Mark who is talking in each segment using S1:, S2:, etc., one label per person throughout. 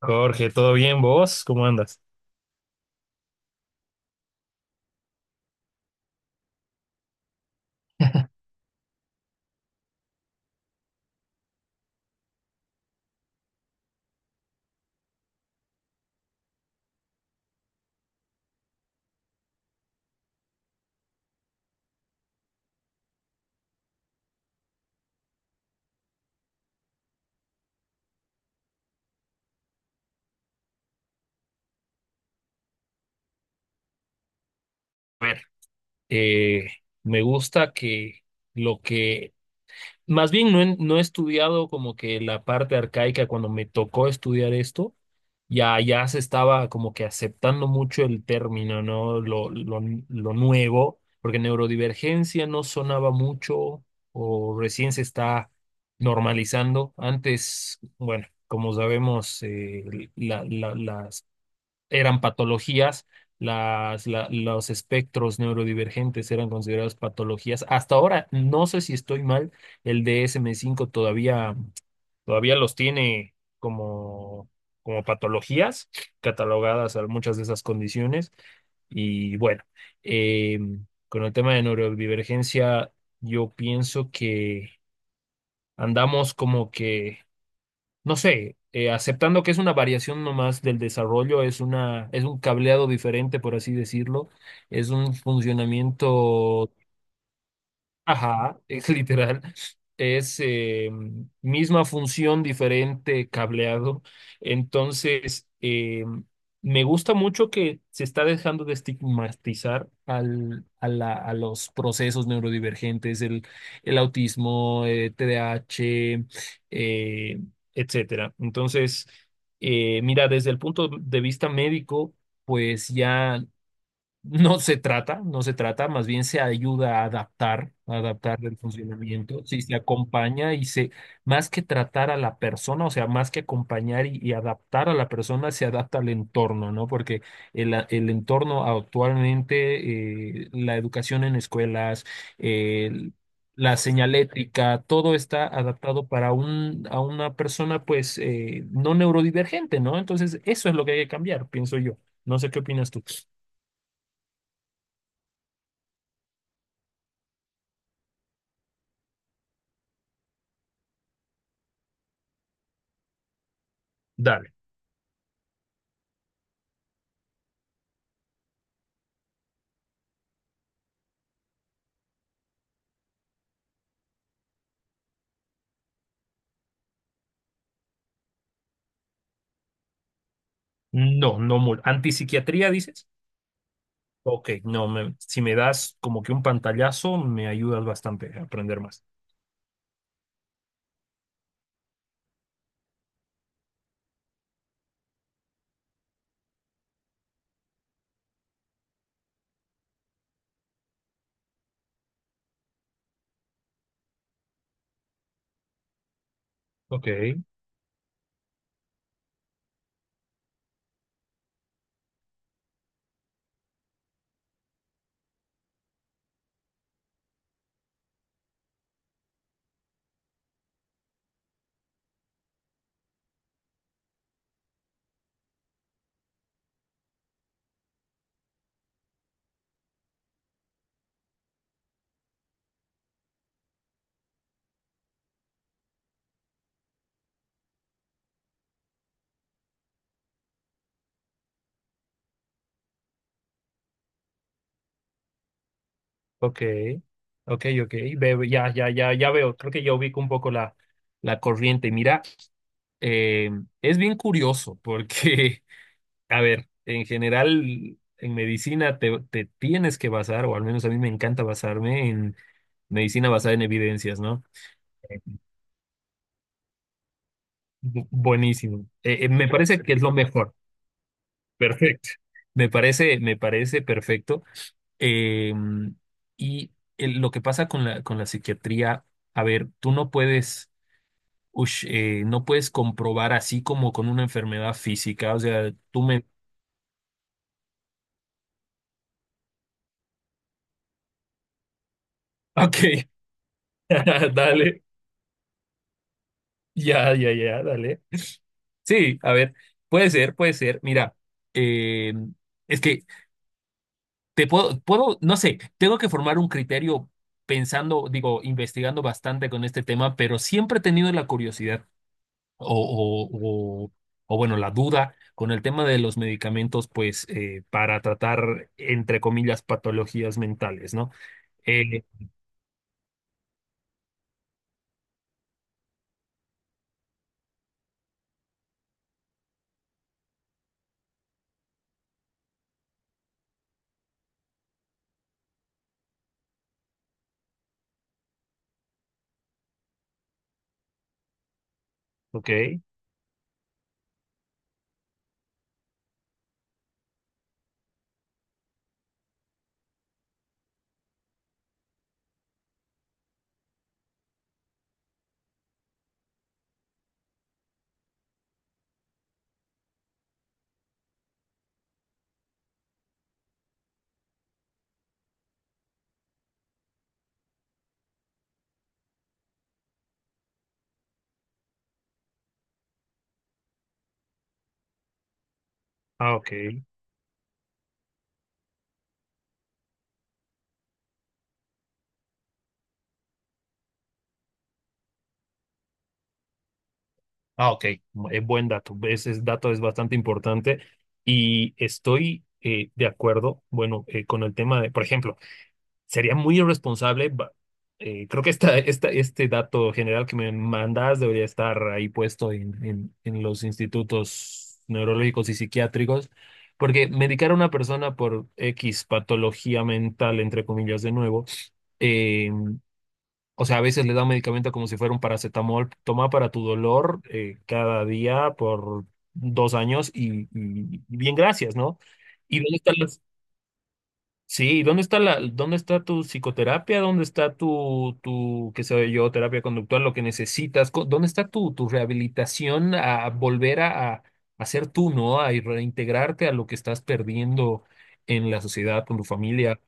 S1: Jorge, ¿todo bien vos? ¿Cómo andas? A ver, eh, me gusta que lo que, más bien no he estudiado como que la parte arcaica cuando me tocó estudiar esto, ya se estaba como que aceptando mucho el término, ¿no? Lo nuevo, porque neurodivergencia no sonaba mucho o recién se está normalizando. Antes, bueno, como sabemos, las eran patologías, los espectros neurodivergentes eran considerados patologías. Hasta ahora, no sé si estoy mal, el DSM-5 todavía los tiene como, patologías catalogadas a muchas de esas condiciones. Y bueno, eh, con el tema de neurodivergencia, yo pienso que andamos como que no sé, aceptando que es una variación nomás del desarrollo, es un cableado diferente, por así decirlo, es un funcionamiento. Ajá, es literal. Es, misma función, diferente cableado. Entonces, me gusta mucho que se está dejando de estigmatizar al, a, a los procesos neurodivergentes, el autismo, TDAH, eh, etcétera. Entonces, mira, desde el punto de vista médico, pues ya. No se trata, más bien se ayuda a adaptar el funcionamiento, sí, se acompaña y se, más que tratar a la persona, o sea, más que acompañar y adaptar a la persona, se adapta al entorno, ¿no? Porque el entorno actualmente, la educación en escuelas, el- la señalética, todo está adaptado para a una persona, pues, no neurodivergente, ¿no? Entonces, eso es lo que hay que cambiar, pienso yo. No sé qué opinas tú. Dale. No, no mucho. ¿Antipsiquiatría dices? Ok, no, si me das como que un pantallazo, me ayudas bastante a aprender más. Ok, ok, ok, ok. Ya, ya, ya, ya veo. Creo que ya ubico un poco la corriente. Mira, eh, es bien curioso porque, a ver, en general, en medicina te tienes que basar, o al menos a mí me encanta basarme en medicina basada en evidencias, ¿no? Buenísimo. Me parece que es lo mejor. Perfecto. Me parece perfecto. Eh, y lo que pasa con con la psiquiatría, a ver, tú no puedes, ush, no puedes comprobar así como con una enfermedad física. O sea, tú me... Ok, dale. Ya, ya, ya, dale. Sí, a ver, puede ser, puede ser. Mira, eh, es que puedo, no sé, tengo que formar un criterio pensando, digo, investigando bastante con este tema, pero siempre he tenido la curiosidad. o, o, o- o, bueno, la duda con el tema de los medicamentos, pues para tratar, entre comillas, patologías mentales, ¿no? Eh, ok, ah, ok, ah, ok, buen dato, dato es bastante importante y estoy, de acuerdo, bueno, con el tema de, por ejemplo, sería muy irresponsable. Creo que este dato general que me mandas debería estar ahí puesto en, en los institutos neurológicos y psiquiátricos, porque medicar a una persona por X patología mental, entre comillas, de nuevo, eh, o sea, a veces le da un medicamento como si fuera un paracetamol, toma para tu dolor, cada día por 2 años, y bien, gracias, ¿no? Y dónde están las- Sí, ¿y dónde está dónde está tu psicoterapia? ¿Dónde está tu, qué sé yo, terapia conductual, lo que necesitas? ¿Dónde está tu, rehabilitación a volver a ser tú, ¿no? A reintegrarte a lo que estás perdiendo en la sociedad, con tu familia.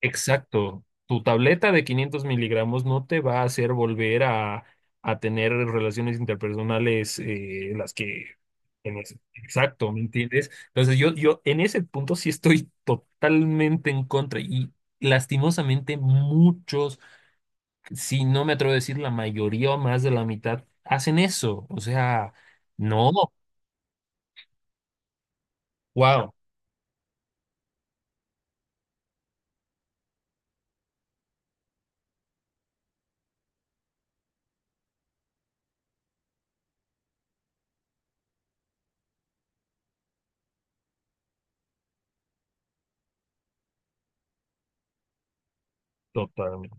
S1: Exacto. Tu tableta de 500 miligramos no te va a hacer volver a tener relaciones interpersonales, las que... Exacto, ¿me entiendes? Entonces yo en ese punto sí estoy totalmente en contra y lastimosamente muchos, si no me atrevo a decir la mayoría o más de la mitad, hacen eso. O sea, no, wow, totalmente.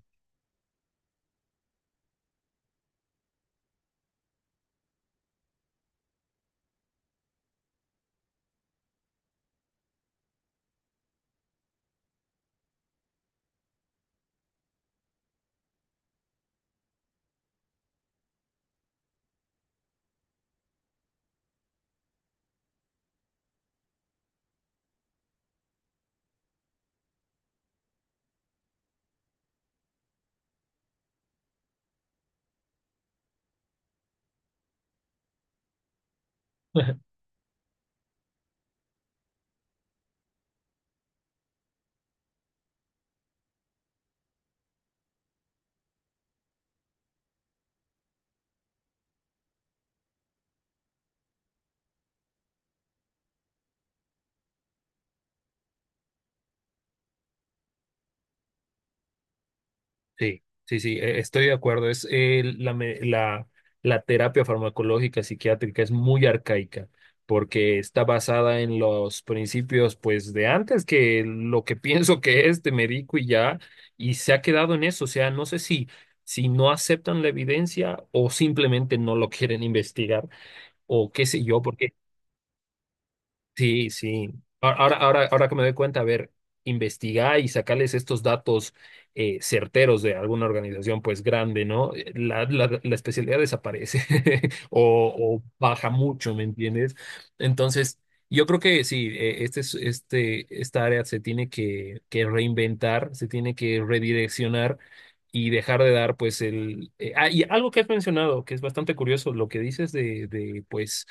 S1: Sí, sí, sí, estoy de acuerdo. Es la, me- la terapia farmacológica psiquiátrica es muy arcaica porque está basada en los principios, pues, de antes, que lo que pienso que es, te medico y ya, y se ha quedado en eso. O sea, no sé si no aceptan la evidencia o simplemente no lo quieren investigar o qué sé yo, porque sí, sí. Ahora que me doy cuenta, a ver, investigar y sacarles estos datos, certeros, de alguna organización pues grande, ¿no? La especialidad desaparece o baja mucho, ¿me entiendes? Entonces, yo creo que sí, esta área se tiene que reinventar, se tiene que redireccionar y dejar de dar pues el... ah, y algo que has mencionado, que es bastante curioso, lo que dices de pues,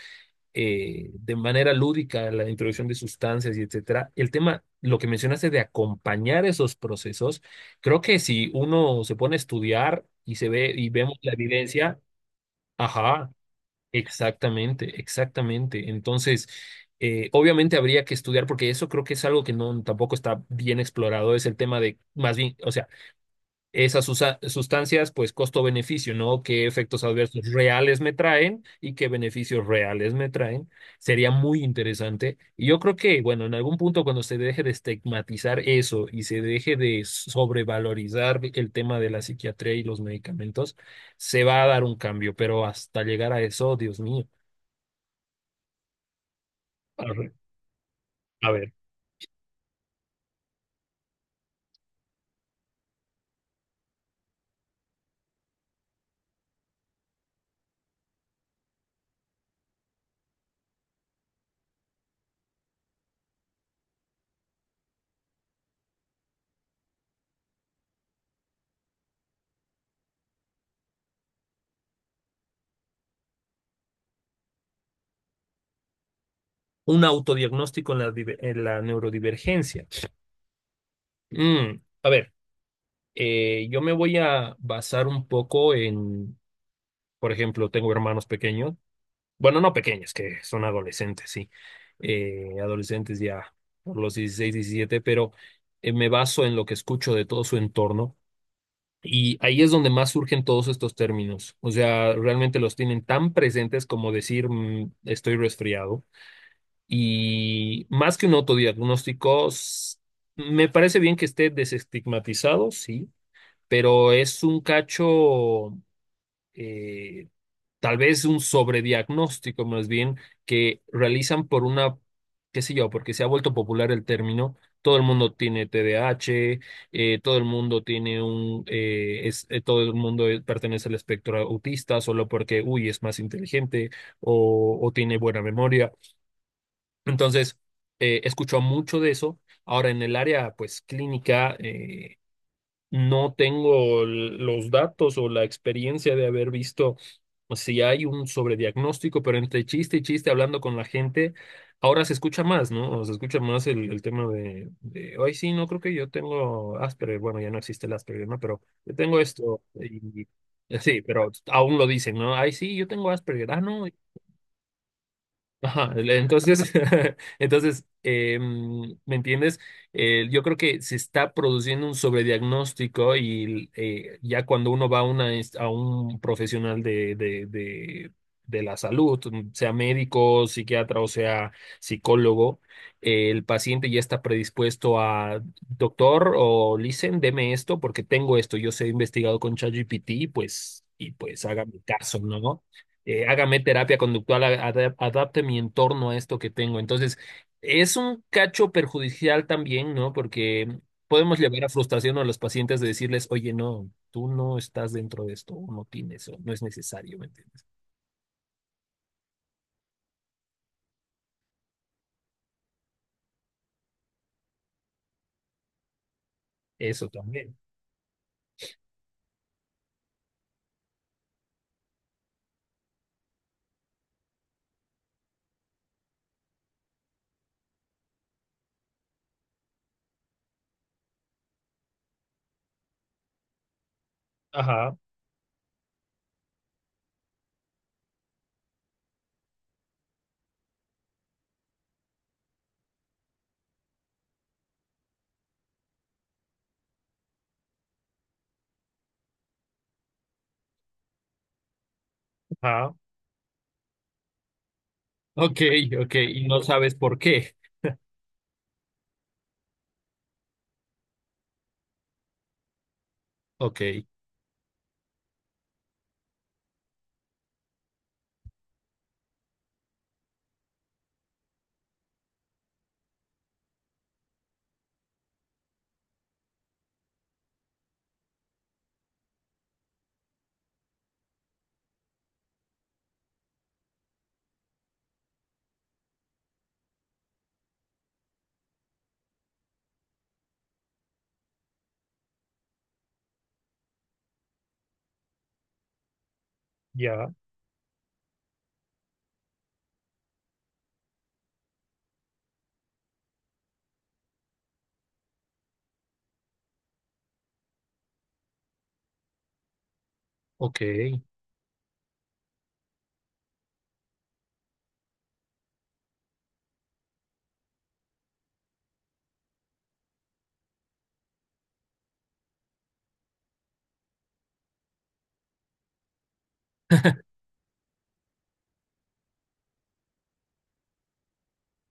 S1: de manera lúdica, la introducción de sustancias y etcétera. El tema, lo que mencionaste de acompañar esos procesos, creo que si uno se pone a estudiar y se ve y vemos la evidencia, ajá, exactamente, exactamente. Entonces, obviamente habría que estudiar porque eso creo que es algo que no tampoco está bien explorado, es el tema de más bien, o sea, esas sustancias, pues costo-beneficio, ¿no? ¿Qué efectos adversos reales me traen y qué beneficios reales me traen? Sería muy interesante. Y yo creo que, bueno, en algún punto cuando se deje de estigmatizar eso y se deje de sobrevalorizar el tema de la psiquiatría y los medicamentos, se va a dar un cambio, pero hasta llegar a eso, Dios mío. A ver, a ver, un autodiagnóstico en en la neurodivergencia. Mm, a ver, yo me voy a basar un poco en, por ejemplo, tengo hermanos pequeños, bueno, no pequeños, que son adolescentes, sí, adolescentes ya por los 16, 17, pero, me baso en lo que escucho de todo su entorno y ahí es donde más surgen todos estos términos. O sea, realmente los tienen tan presentes como decir, estoy resfriado, y más que un autodiagnóstico, me parece bien que esté desestigmatizado, sí, pero es un cacho... eh, tal vez un sobrediagnóstico más bien que realizan por una, qué sé yo, porque se ha vuelto popular el término. Todo el mundo tiene T TDAH, todo el mundo todo el mundo, pertenece al espectro autista solo porque, uy, es más inteligente, o tiene buena memoria. Entonces, escucho mucho de eso. Ahora, en el área, pues, clínica, no tengo los datos o la experiencia de haber visto, o sea, ya hay un sobrediagnóstico, pero entre chiste y chiste hablando con la gente, ahora se escucha más, ¿no? O se escucha más el tema de, ay, sí, no creo que yo tengo Asperger, bueno, ya no existe el Asperger, ¿no? Pero yo tengo esto, sí, pero aún lo dicen, ¿no? Ay, sí, yo tengo Asperger, ah, no, ajá, entonces, ¿me entiendes? Yo creo que se está produciendo un sobrediagnóstico y, ya cuando uno va a un profesional de la salud, sea médico, psiquiatra o sea psicólogo, el paciente ya está predispuesto a, doctor o listen, deme esto porque tengo esto, yo sé, he investigado con ChatGPT, pues, y pues hágame caso, ¿no? Hágame terapia conductual, adapte mi entorno a esto que tengo. Entonces, es un cacho perjudicial también, ¿no? Porque podemos llevar a frustración a los pacientes de decirles, oye, no, tú no estás dentro de esto, o no tienes, o no es necesario, ¿me entiendes? Eso también. Ajá, ajá. Ok, ok, y no sabes por qué. Ok, ya, ok,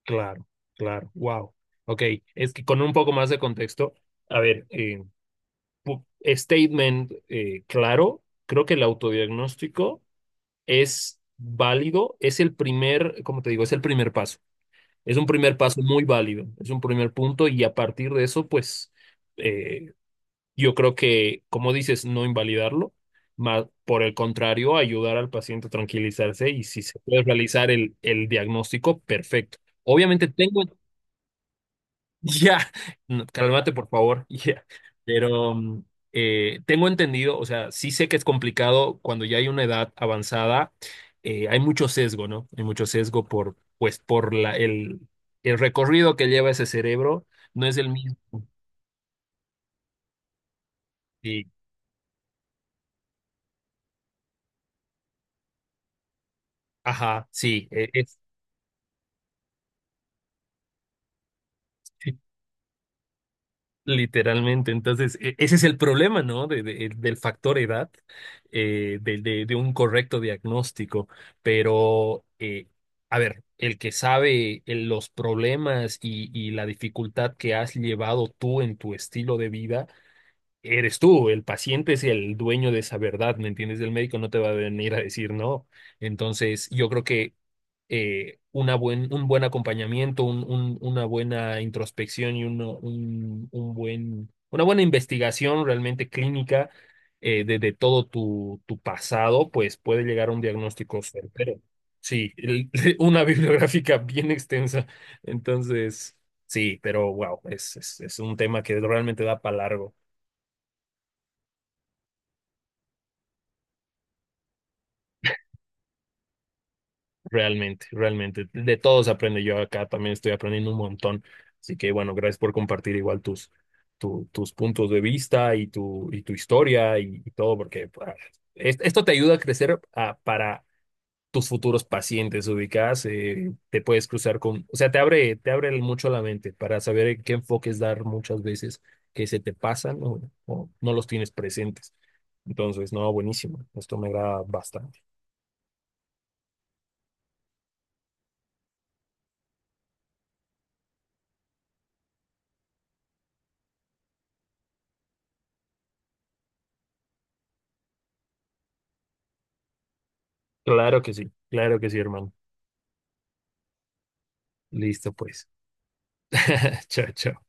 S1: claro, claro, wow. Ok, es que con un poco más de contexto, a ver, statement, claro. Creo que el autodiagnóstico es válido, es el primer, como te digo, es el primer paso. Es un primer paso muy válido, es un primer punto, y a partir de eso, pues, eh, yo creo que, como dices, no invalidarlo, más por el contrario, ayudar al paciente a tranquilizarse, y si se puede realizar el diagnóstico, perfecto. Obviamente tengo, ya, no, cálmate por favor, ya. Pero, tengo entendido, o sea, sí sé que es complicado cuando ya hay una edad avanzada, hay mucho sesgo, ¿no? Hay mucho sesgo por, pues, el recorrido que lleva ese cerebro, no es el mismo. Sí, ajá, sí, es. Sí, literalmente. Entonces, ese es el problema, ¿no? Del factor edad, de un correcto diagnóstico. Pero, a ver, el que sabe, los problemas y la dificultad que has llevado tú en tu estilo de vida, eres tú, el paciente es el dueño de esa verdad, ¿me entiendes? El médico no te va a venir a decir no. Entonces, yo creo que, un buen acompañamiento, una buena introspección, una buena investigación realmente clínica, de todo tu, pasado, pues puede llegar a un diagnóstico certero. Sí, una bibliográfica bien extensa. Entonces, sí, pero wow, es un tema que realmente da para largo. Realmente, realmente. De todos aprende. Yo acá también estoy aprendiendo un montón. Así que bueno, gracias por compartir igual tus, tus puntos de vista y tu, historia, y todo, porque ah, esto te ayuda a crecer, ah, para tus futuros pacientes ubicadas. Te puedes cruzar con, o sea, te abre mucho la mente para saber en qué enfoques dar muchas veces que se te pasan, o no los tienes presentes. Entonces, no, buenísimo. Esto me agrada bastante. Claro que sí, hermano. Listo, pues. Chao, chao.